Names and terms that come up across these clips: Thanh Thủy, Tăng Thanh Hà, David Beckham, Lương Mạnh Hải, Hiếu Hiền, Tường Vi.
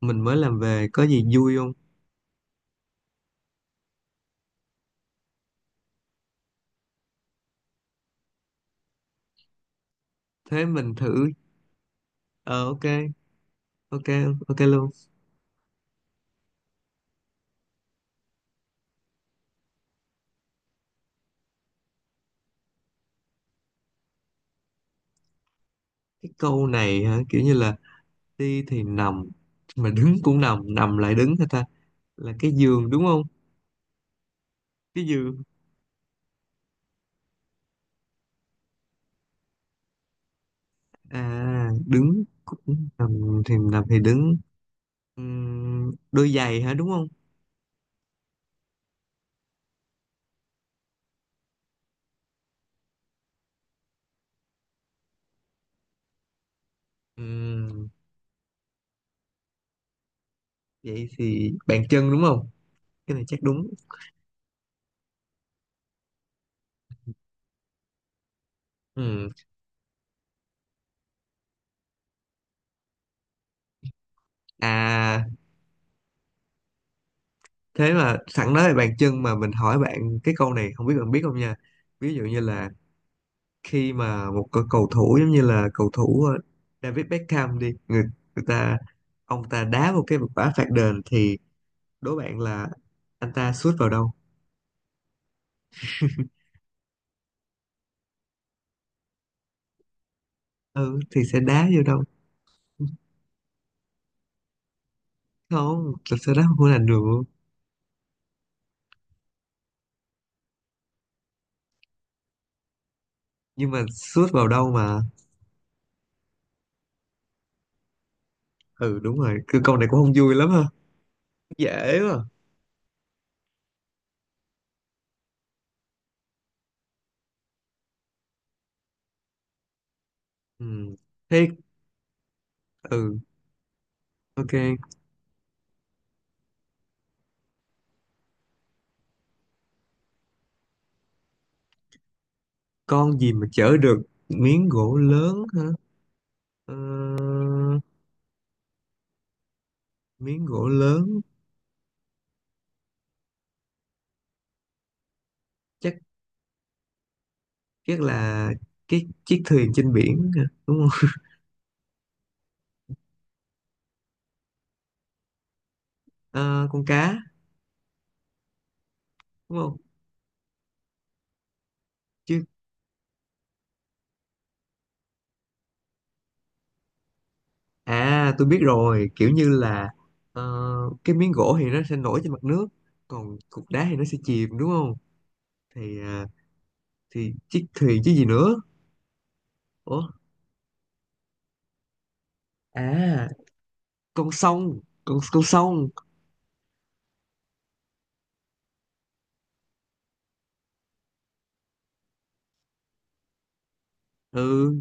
Mình mới làm về, có gì vui không? Thế mình thử. Ờ ok. Ok. Ok luôn. Cái câu này hả? Kiểu như là đi thì nằm, mà đứng cũng nằm, nằm lại đứng hả ta? Là cái giường đúng không? Cái giường. À, đứng cũng nằm, thì nằm thì đứng. Đôi giày hả, đúng không? Ừm, Vậy thì bàn chân đúng không? Cái này chắc đúng. Ừm, À, thế mà sẵn nói về bàn chân, mà mình hỏi bạn cái câu này, không biết bạn biết không nha. Ví dụ như là khi mà một cái cầu thủ, giống như là cầu thủ David Beckham đi, người người ta, ông ta đá một cái quả phạt đền, thì đố bạn là anh ta sút vào đâu? Ừ, thì sẽ đá vô đâu? Không, thật sự đá không có làm được. Nhưng mà sút vào đâu mà? Ừ, đúng rồi, cứ câu này cũng không vui lắm ha. Dễ mà. Ừ. Thế. Ừ. Ok. Con gì mà chở được miếng gỗ lớn hả? Ờ, miếng gỗ lớn. Chắc chắc là cái chiếc thuyền trên biển hả, đúng không? Ờ, con cá. Đúng không? Chứ. À, tôi biết rồi, kiểu như là ờ, cái miếng gỗ thì nó sẽ nổi trên mặt nước, còn cục đá thì nó sẽ chìm đúng không? Thì à, thì chiếc thuyền chứ gì nữa. Ủa. À. Con sông. Con sông. Ừ.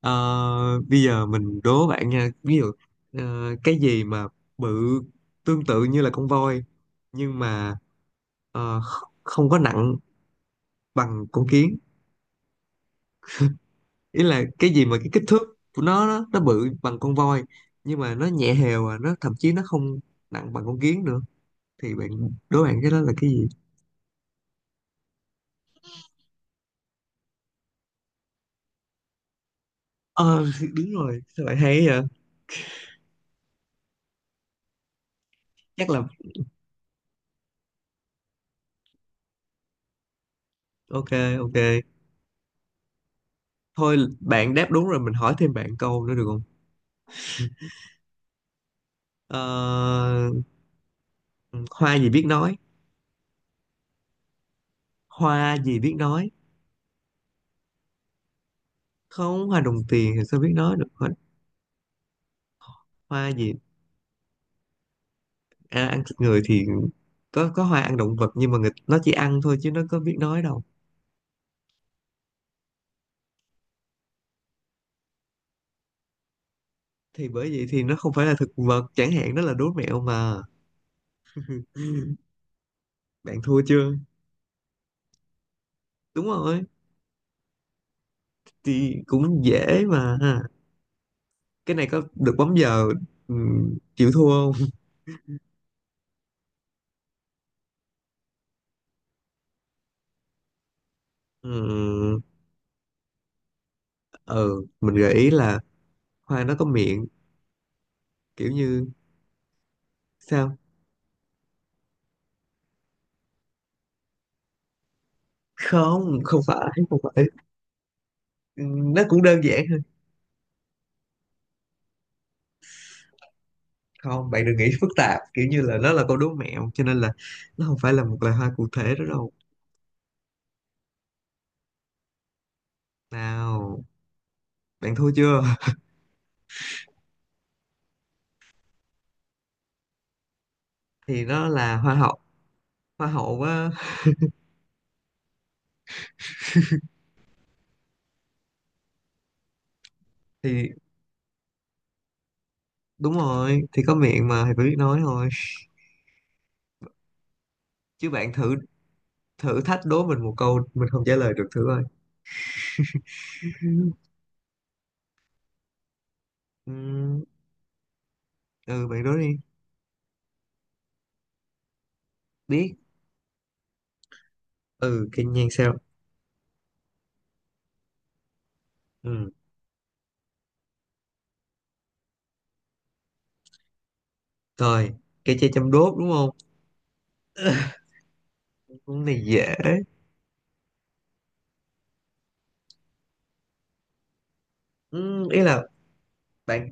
ờ, Bây giờ mình đố bạn nha, ví dụ, cái gì mà bự tương tự như là con voi, nhưng mà không có nặng bằng con kiến. Ý là cái gì mà cái kích thước của nó bự bằng con voi, nhưng mà nó nhẹ hều à, nó thậm chí nó không nặng bằng con kiến nữa. Thì bạn Đố bạn cái đó là cái gì? Ờ thì đúng rồi, sao bạn hay vậy? Chắc là. Ok. Ok. Thôi bạn đáp đúng rồi, mình hỏi thêm bạn câu nữa được không? ờ, Hoa gì biết nói? Hoa gì biết nói? Không, hoa đồng tiền thì sao biết nói được, hoa, hoa gì? À, ăn thịt người thì có hoa ăn động vật, nhưng mà người, nó chỉ ăn thôi chứ nó có biết nói đâu. Thì bởi vậy thì nó không phải là thực vật chẳng hạn, đó là đố mẹo mà. Ừ. Bạn thua chưa? Đúng rồi. Thì cũng dễ mà. Cái này có được bấm giờ. Ừ, chịu thua không? Ừ, ừ, mình gợi ý là hoa nó có miệng. Kiểu như. Sao? Không, không phải. Không phải. Ừ. Nó cũng đơn giản hơn. Không, bạn đừng nghĩ phức tạp, kiểu như là nó là câu đố mẹo cho nên là nó không phải là một loài hoa cụ thể đó đâu. Nào. Bạn thua chưa? Thì nó là hoa hậu. Hoa hậu á. Thì đúng rồi, thì có miệng mà thì phải biết nói thôi. Chứ bạn thử thử thách đố mình một câu mình không trả lời được thử coi. Ừ. Ừ, ừ, bạn đố đi. Biết. Ừ, cái nhan sao? Ừ. Rồi. Cái chai chăm đốt đúng không? Cũng này dễ. Ừ, ý là. Bạn.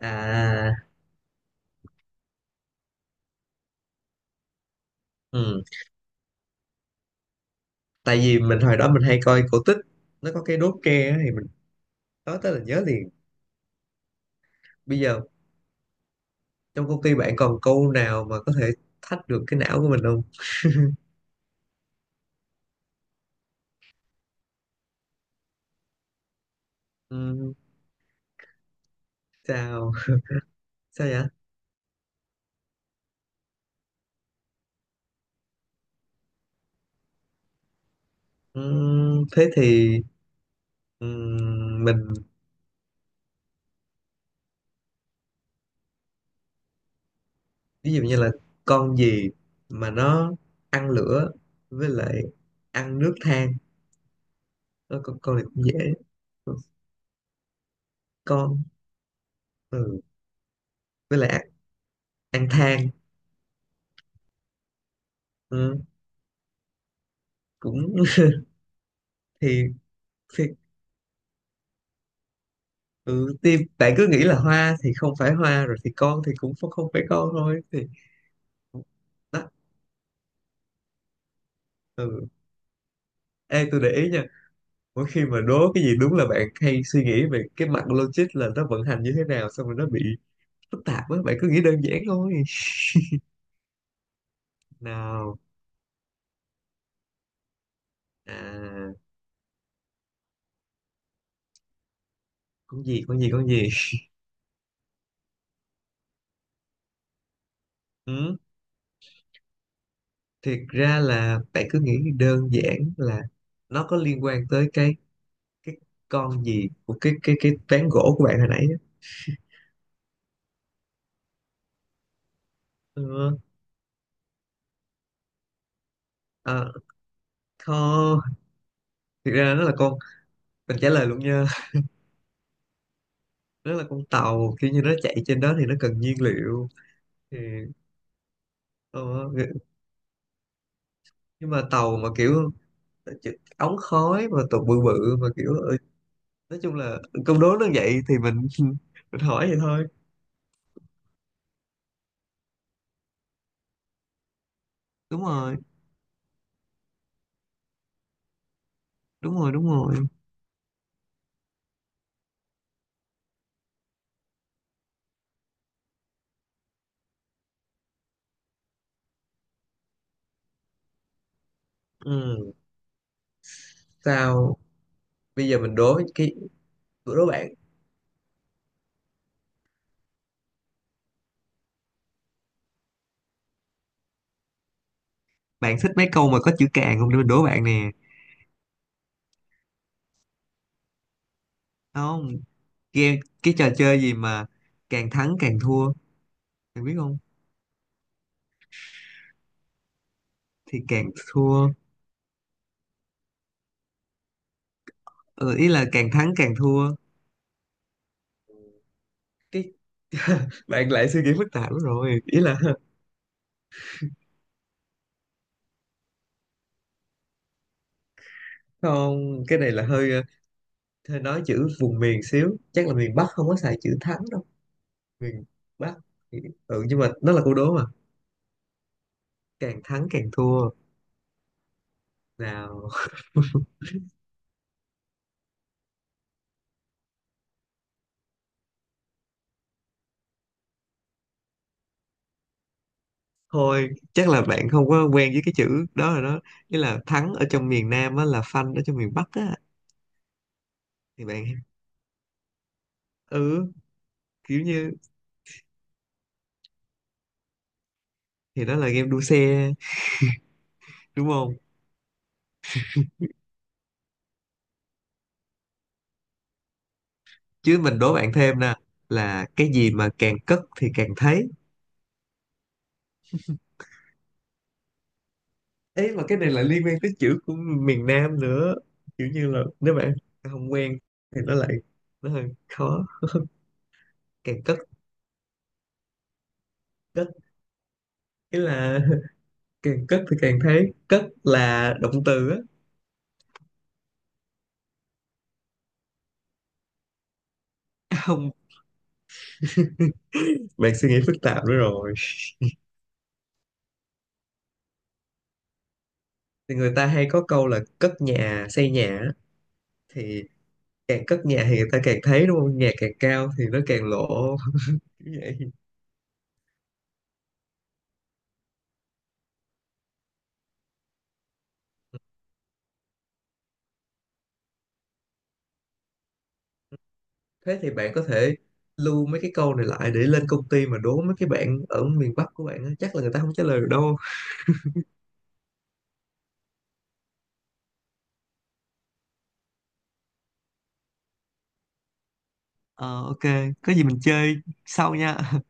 À. Ừ. Tại vì mình hồi đó mình hay coi cổ tích, nó có cái đốt tre á, thì mình nói tới là nhớ liền. Bây giờ. Trong công ty bạn còn câu nào mà có thể thách được cái não của mình không? Ừ, sao? Sao vậy? Ừ, thế thì mình. Ví dụ như là con gì mà nó ăn lửa với lại ăn nước, than. Ờ, con này cũng dễ. Con. Ừ. Với lại ăn than. Ừ. Cũng. Thì. Thì. Ừ, thì bạn cứ nghĩ là hoa thì không phải hoa, rồi thì con thì cũng không không phải con thôi thì. Đó. Ừ. Ê tôi để ý nha, mỗi khi mà đố cái gì đúng là bạn hay suy nghĩ về cái mặt logic là nó vận hành như thế nào, xong rồi nó bị phức tạp á, bạn cứ nghĩ đơn giản thôi. Nào. À, con gì, con gì, con gì? Ừ. Thiệt ra là bạn cứ nghĩ đơn giản là nó có liên quan tới cái con gì của cái ván gỗ của bạn hồi nãy á. Ừ. À, kho. Thiệt ra nó là con. Mình trả lời luôn nha. Nó là con tàu, kiểu như nó chạy trên đó thì nó cần nhiên liệu. Thì. ờ, nhưng mà tàu mà kiểu ống khói mà tụ bự bự mà kiểu nói chung là câu đố nó vậy thì mình. Mình hỏi vậy thôi. Đúng rồi, đúng rồi, đúng rồi. Ừ. Sao? Bây giờ mình đố cái. Đố bạn. Bạn thích mấy câu mà có chữ càng không, để mình đố bạn nè. Không. Game cái trò chơi gì mà càng thắng càng thua, bạn biết không? Thì càng thua. Ừ, ý là càng thắng càng thua. Cái bạn lại suy nghĩ phức tạp lắm rồi ý là. Không, cái này là hơi hơi nói chữ vùng miền xíu, chắc là miền Bắc không có xài chữ thắng đâu. Miền. Bắc. Ừ, nhưng mà nó là câu đố mà. Càng thắng càng thua. Nào. Thôi chắc là bạn không có quen với cái chữ đó rồi đó. Nghĩa là thắng ở trong miền Nam á là phanh ở trong miền Bắc á. Thì bạn. Ừ. Kiểu như. Thì đó là game đua xe đúng không? Chứ mình đố bạn thêm nè. Là cái gì mà càng cất thì càng thấy? Ấy mà cái này là liên quan tới chữ của miền Nam nữa. Kiểu như là nếu bạn không quen thì nó lại nó hơi khó. Càng cất. Cất. Ý là. Càng cất thì càng thấy, cất là động từ á. Không, bạn suy nghĩ phức tạp nữa rồi. Thì người ta hay có câu là cất nhà, xây nhà á. Thì. Càng cất nhà thì người ta càng thấy đúng không? Nhà càng cao thì nó càng lỗ. Kiểu vậy. Thế thì bạn có thể lưu mấy cái câu này lại để lên công ty mà đố mấy cái bạn ở miền Bắc của bạn á, chắc là người ta không trả lời được đâu. Ờ ok. Có gì mình chơi sau nha.